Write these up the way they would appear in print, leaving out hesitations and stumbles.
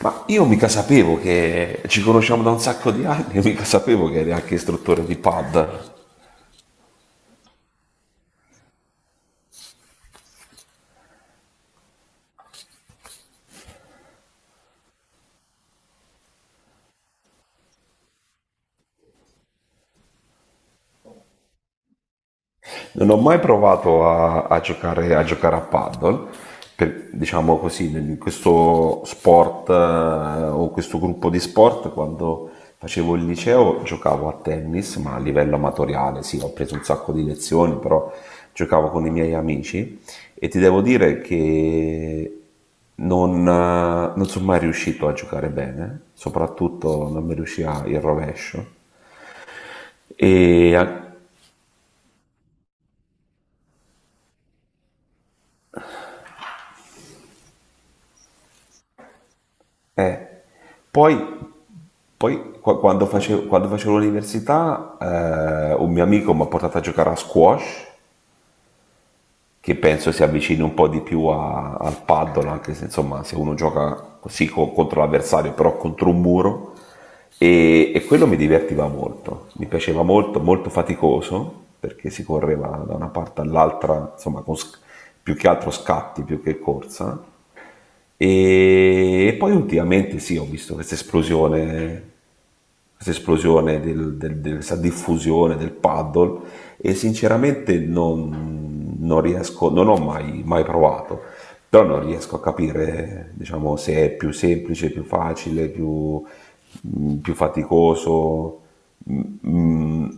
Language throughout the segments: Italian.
Ma io mica sapevo che ci conosciamo da un sacco di anni, io mica sapevo che eri anche istruttore di pad. Non ho mai provato a giocare a paddle, diciamo così, in questo sport o questo gruppo di sport. Quando facevo il liceo giocavo a tennis, ma a livello amatoriale, sì, ho preso un sacco di lezioni, però giocavo con i miei amici e ti devo dire che non sono mai riuscito a giocare bene, soprattutto non mi riusciva il rovescio. E, eh, poi Quando facevo l'università, un mio amico mi ha portato a giocare a squash, che penso si avvicini un po' di più al paddle, anche se insomma se uno gioca così contro l'avversario, però contro un muro, e quello mi divertiva molto, mi piaceva molto, molto faticoso, perché si correva da una parte all'altra, insomma più che altro scatti, più che corsa. E poi ultimamente sì, ho visto questa esplosione del, del, del- questa diffusione del paddle, e sinceramente non riesco, non ho mai, mai provato, però non riesco a capire, diciamo, se è più semplice, più facile, più, più faticoso. Mm, mm.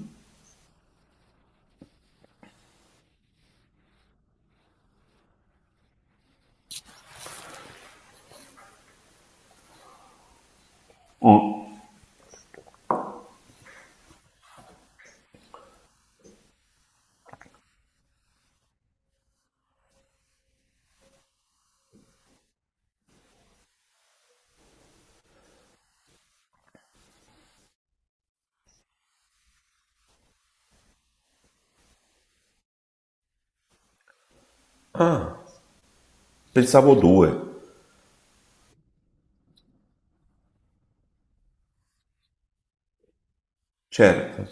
Ah, pensavo due, certo.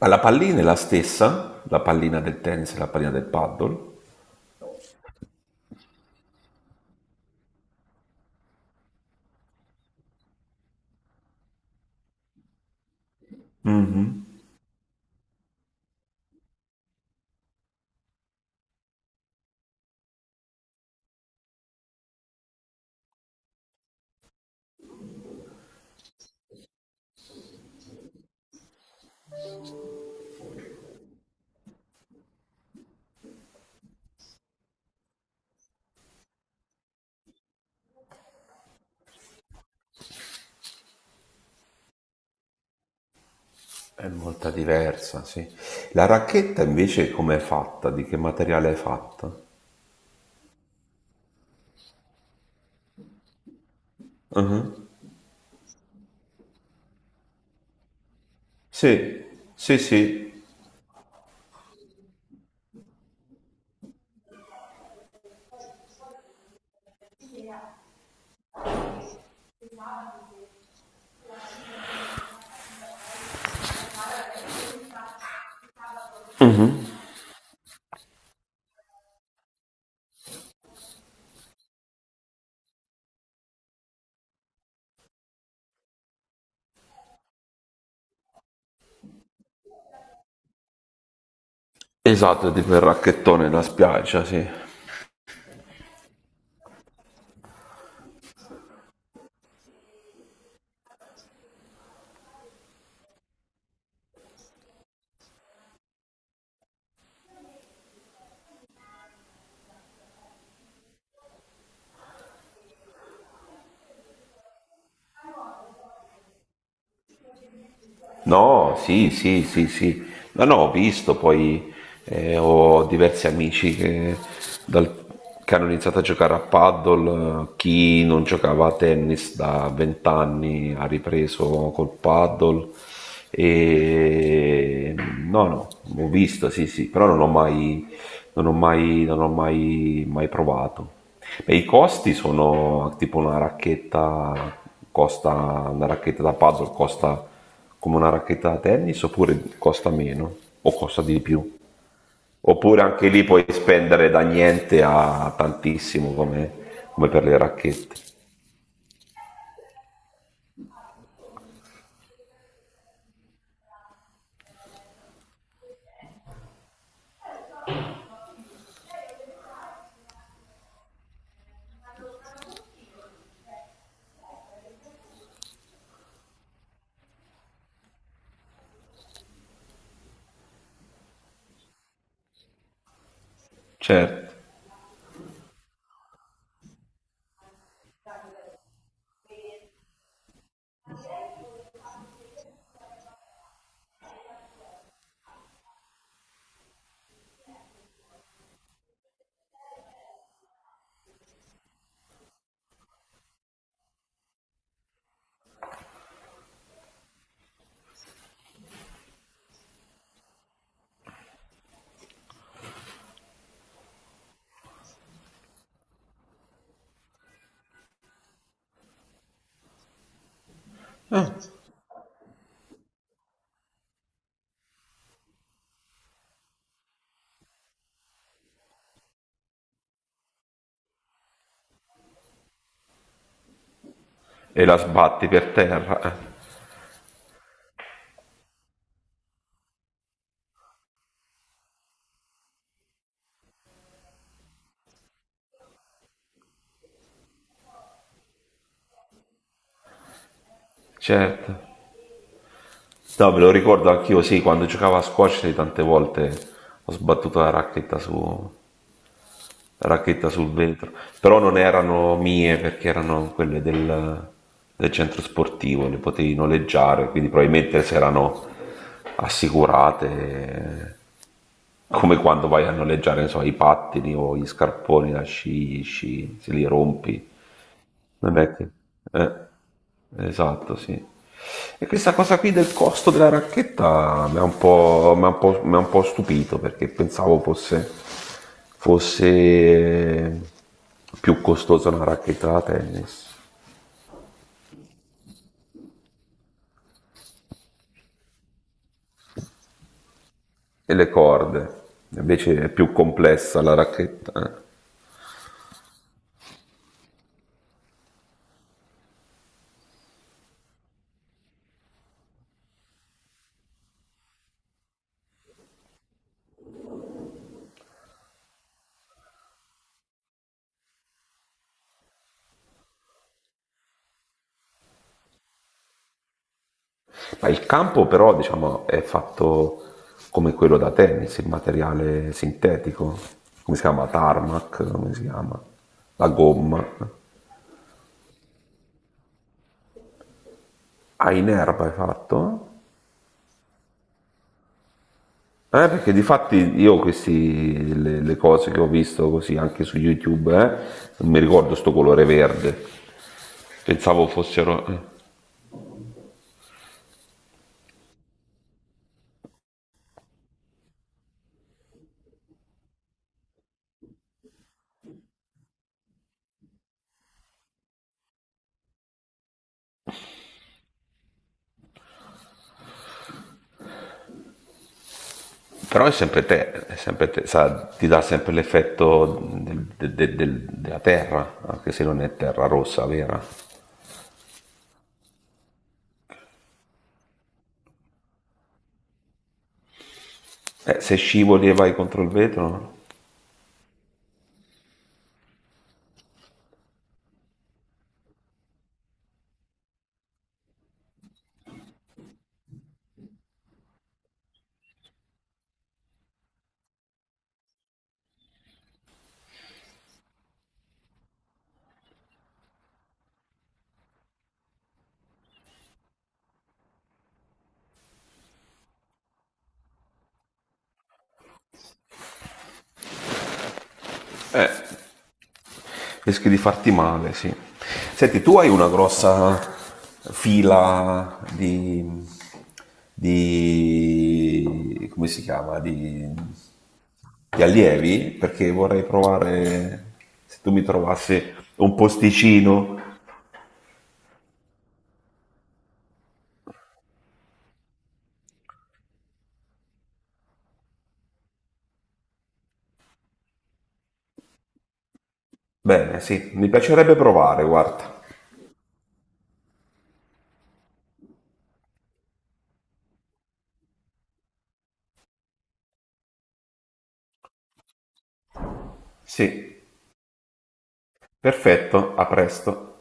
Ma la pallina è la stessa, la pallina del tennis e la pallina del paddle? È molto diversa, sì. La racchetta invece com'è fatta? Di che materiale è fatta? Mhm. Sì, sì, sì. Esatto, tipo il racchettone nella spiaggia, sì. No, sì, sì, sì, sì. No, no, ho visto, poi ho diversi amici dal- che hanno iniziato a giocare a paddle, chi non giocava a tennis da vent'anni ha ripreso col paddle. E no, no, ho visto, sì, sì, però non ho mai, mai provato. Beh, i costi sono tipo una racchetta, costa una racchetta da puzzle, costa come una racchetta da tennis, oppure costa meno o costa di più? Oppure anche lì puoi spendere da niente a tantissimo come, come per le racchette. Certo, e la sbatti per terra, eh. Certo. No, me lo ricordo anch'io, sì, quando giocavo a squash, sì, tante volte ho sbattuto la racchetta, su, la racchetta sul vetro, però non erano mie perché erano quelle del centro sportivo, le potevi noleggiare, quindi probabilmente se erano assicurate, eh, come quando vai a noleggiare, non so, i pattini o gli scarponi da sci, gli sci, se li rompi. Vabbè, che- eh, esatto, sì. E questa cosa qui del costo della racchetta mi ha un po' stupito, perché pensavo fosse, fosse più costosa una racchetta da tennis e le corde, invece è più complessa la racchetta, eh. Ma il campo però, diciamo, è fatto come quello da tennis, il materiale sintetico, come si chiama? Tarmac, come si chiama? La gomma, eh. Ah, in erba hai fatto? Perché di fatti io questi, le cose che ho visto così anche su YouTube, non mi ricordo sto colore verde, pensavo fossero.... Però è sempre te, sa, ti dà sempre l'effetto della terra, anche se non è terra rossa vera. Se scivoli e vai contro il vetro, eh, rischi di farti male, sì. Senti, tu hai una grossa fila di come si chiama? Di allievi, perché vorrei provare se tu mi trovassi un posticino. Bene, sì, mi piacerebbe provare, guarda. Sì, perfetto, a presto.